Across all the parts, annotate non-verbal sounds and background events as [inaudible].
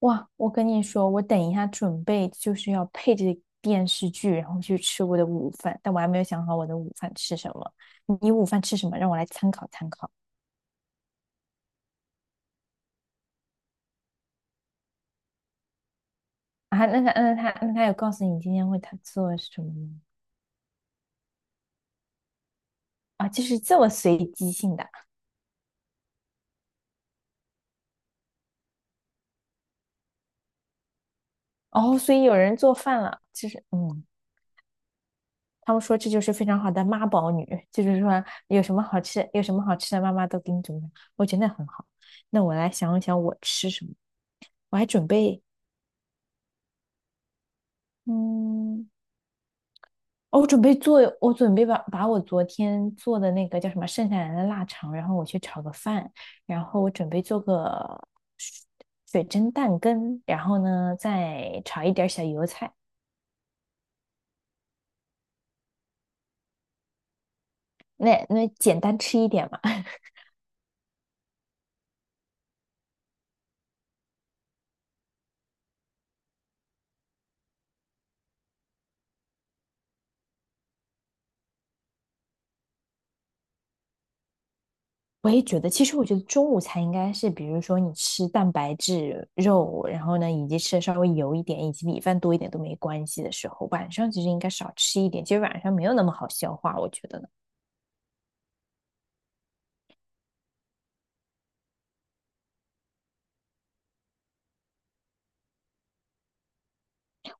哇，我跟你说，我等一下准备就是要配着电视剧，然后去吃我的午饭，但我还没有想好我的午饭吃什么。你午饭吃什么？让我来参考参考啊。那他有告诉你今天为他做什么吗？啊，就是这么随机性的哦，所以有人做饭了，就是他们说这就是非常好的妈宝女，就是说有什么好吃，有什么好吃的，妈妈都给你准备，我觉得很好。那我来想一想我吃什么，我还准备嗯。哦我准备把我昨天做的那个叫什么剩下来的腊肠，然后我去炒个饭，然后我准备做个水水蒸蛋羹，然后呢再炒一点儿小油菜，那简单吃一点嘛。[laughs] 我也觉得，其实我觉得中午才应该是，比如说你吃蛋白质、肉，然后呢以及吃的稍微油一点，以及米饭多一点都没关系的时候，晚上其实应该少吃一点，其实晚上没有那么好消化，我觉得呢。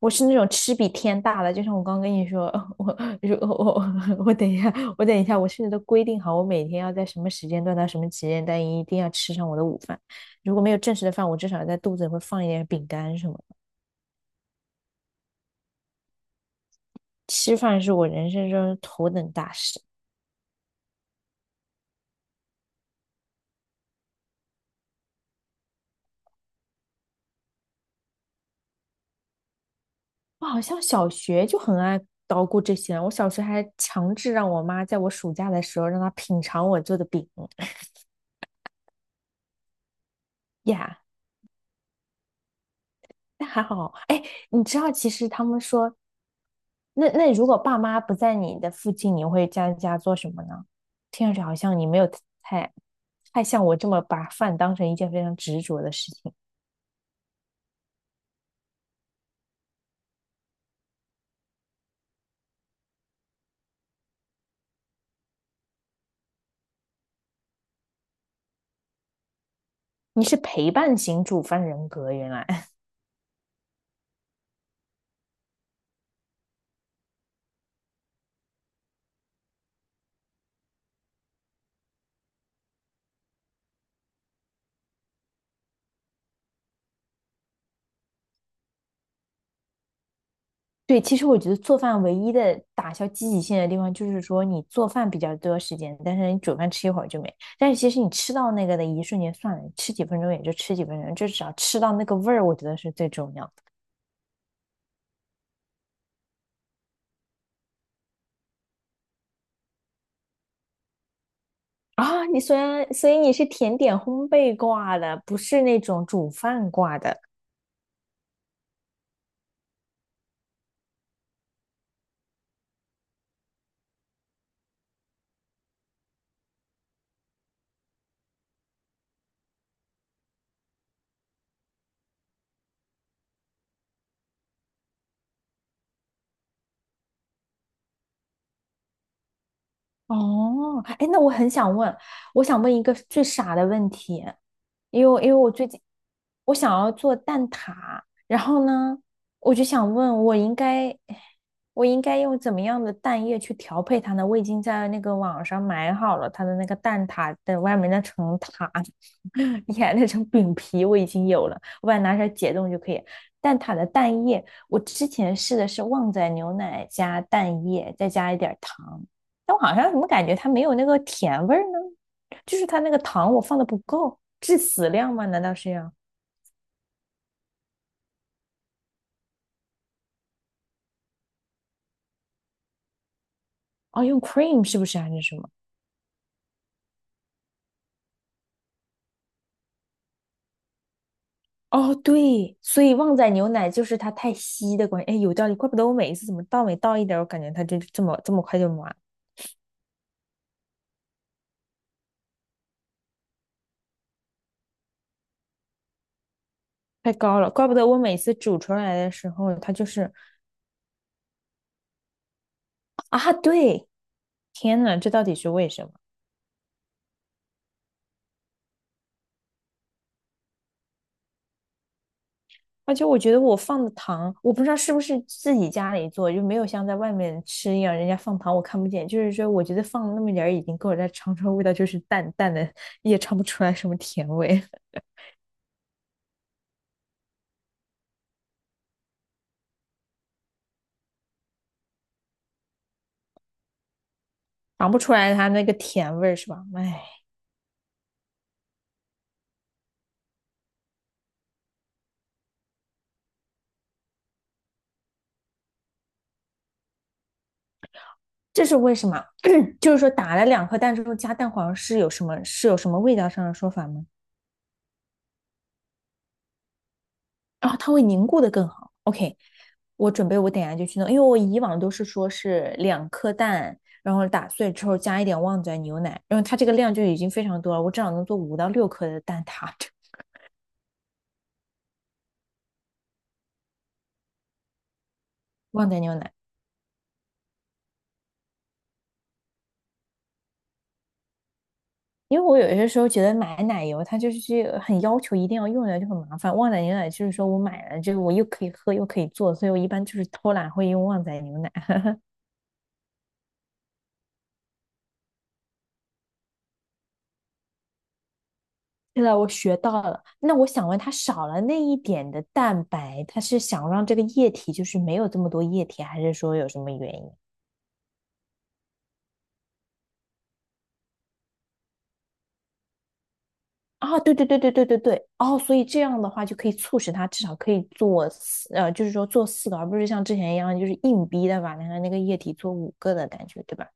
我是那种吃比天大的，就像我刚跟你说，[laughs] 我我等一下，我甚至都规定好，我每天要在什么时间段到什么时间段一定要吃上我的午饭。如果没有正式的饭，我至少在肚子里会放一点饼干什么的。吃饭是我人生中头等大事。我好像小学就很爱捣鼓这些，我小学还强制让我妈在我暑假的时候让她品尝我做的饼呀。那还好，哎，你知道，其实他们说那如果爸妈不在你的附近，你会在家做什么呢？听上去好像你没有太太像我这么把饭当成一件非常执着的事情。你是陪伴型煮饭人格，原来。 [laughs] 对。其实我觉得做饭唯一的打消积极性的地方，就是说你做饭比较多时间，但是你煮饭吃一会儿就没。但是其实你吃到那个的一瞬间算了，吃几分钟也就吃几分钟，就只要吃到那个味儿，我觉得是最重要。啊，你虽然所以你是甜点烘焙挂的，不是那种煮饭挂的。哦，哎，那我很想问，我想问一个最傻的问题，因为我最近我想要做蛋挞，然后呢，我就想问我应该用怎么样的蛋液去调配它呢？我已经在那个网上买好了它的那个蛋挞的外面那层塔，[laughs] 你看那层饼皮我已经有了，我把它拿出来解冻就可以。蛋挞的蛋液，我之前试的是旺仔牛奶加蛋液，再加一点儿糖。但我好像怎么感觉它没有那个甜味呢？就是它那个糖我放的不够，致死量吗？难道是这样。哦，用 cream 是不是啊还是什么？哦，对，所以旺仔牛奶就是它太稀的关系。哎，有道理，怪不得我每一次怎么倒每倒一点我感觉它就这么快就满，太高了。怪不得我每次煮出来的时候，它就是啊，对，天呐，这到底是为什么？而且我觉得我放的糖，我不知道是不是自己家里做，就没有像在外面吃一样，人家放糖我看不见。就是说，我觉得放了那么点儿已经够了，但尝出来味道就是淡淡的，也尝不出来什么甜味，[laughs] 尝不出来它那个甜味是吧？哎，这是为什么？[coughs] 就是说打了两颗蛋之后加蛋黄是有什么味道上的说法吗？啊，它会凝固的更好。OK，我准备我等下就去弄，因为我以往都是说是两颗蛋，然后打碎之后加一点旺仔牛奶，然后它这个量就已经非常多了，我至少能做五到六颗的蛋挞旺仔牛奶。因为我有些时候觉得买奶油它就是去很要求一定要用的就很麻烦，旺仔牛奶就是说我买了就是我又可以喝又可以做，所以我一般就是偷懒会用旺仔牛奶。对了，我学到了。那我想问，它少了那一点的蛋白，它是想让这个液体就是没有这么多液体，还是说有什么原因？啊，对对对对对对对，哦，所以这样的话就可以促使它至少可以做四，呃，就是说做四个，而不是像之前一样就是硬逼的把那个液体做五个的感觉，对吧？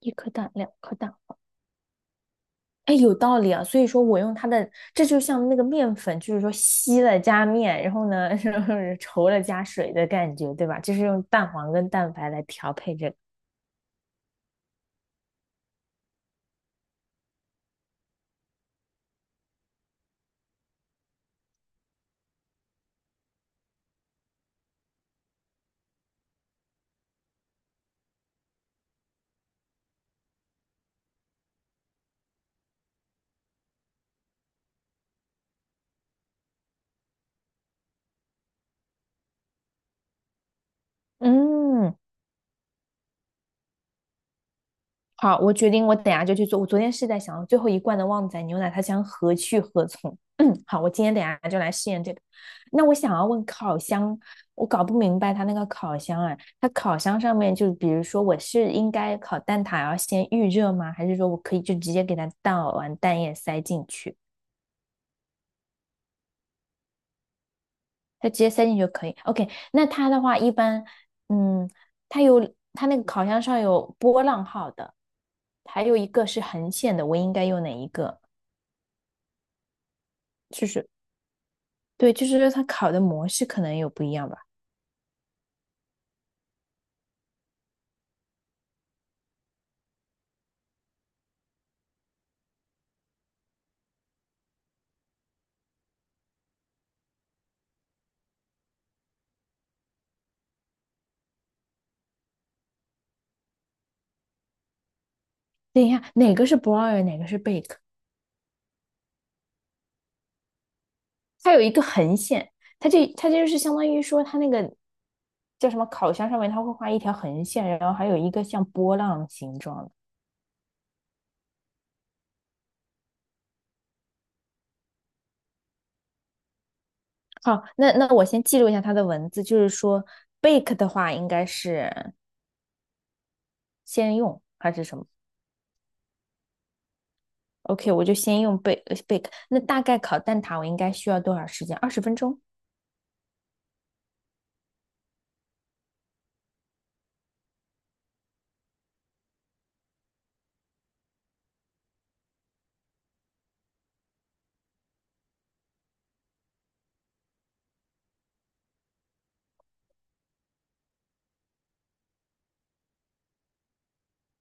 一颗蛋，两颗蛋，哎，有道理啊，所以说我用它的，这就像那个面粉，就是说稀了加面，然后呢，[laughs] 是稠了加水的感觉，对吧？就是用蛋黄跟蛋白来调配这个。嗯，好，我决定，我等下就去做。我昨天是在想，最后一罐的旺仔牛奶，它将何去何从？嗯，好，我今天等下就来试验这个。那我想要问烤箱，我搞不明白它那个烤箱啊，它烤箱上面就比如说，我是应该烤蛋挞要先预热吗？还是说我可以就直接给它倒完蛋液塞进去？它直接塞进去就可以。OK，那它的话一般，嗯，它有它那个烤箱上有波浪号的，还有一个是横线的，我应该用哪一个？就是对，就是它烤的模式可能有不一样吧。等一下，哪个是 broil，哪个是 bake？它有一个横线，它这它就是相当于说它那个叫什么烤箱上面，它会画一条横线，然后还有一个像波浪形状的。好，那我先记录一下它的文字，就是说 bake 的话应该是先用还是什么？OK，我就先用 bake bake。那大概烤蛋挞我应该需要多少时间？20分钟。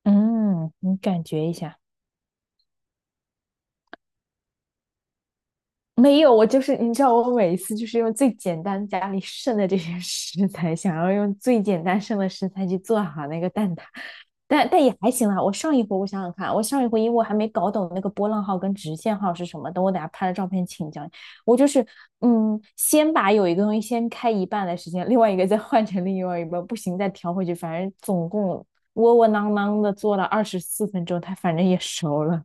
嗯，你感觉一下。没有，我就是你知道，我每一次就是用最简单家里剩的这些 [laughs] 食材，想要用最简单剩的食材去做好那个蛋挞，但也还行啦。我上一回我想想看，我上一回因为我还没搞懂那个波浪号跟直线号是什么，等我等下拍了照片请教你。我就是先把有一个东西先开一半的时间，另外一个再换成另外一半，不行再调回去，反正总共窝窝囊囊的做了24分钟，它反正也熟了。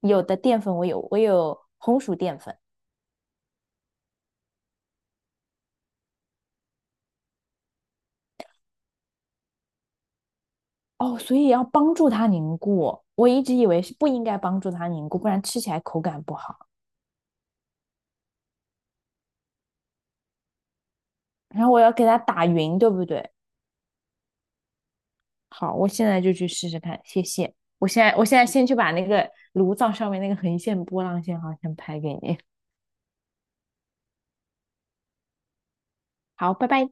有的淀粉我有，我有红薯淀粉。哦，所以要帮助它凝固。我一直以为是不应该帮助它凝固，不然吃起来口感不好。然后我要给它打匀，对不对？好，我现在就去试试看，谢谢。我现在先去把那个炉灶上面那个横线波浪线好像拍给你。好，拜拜。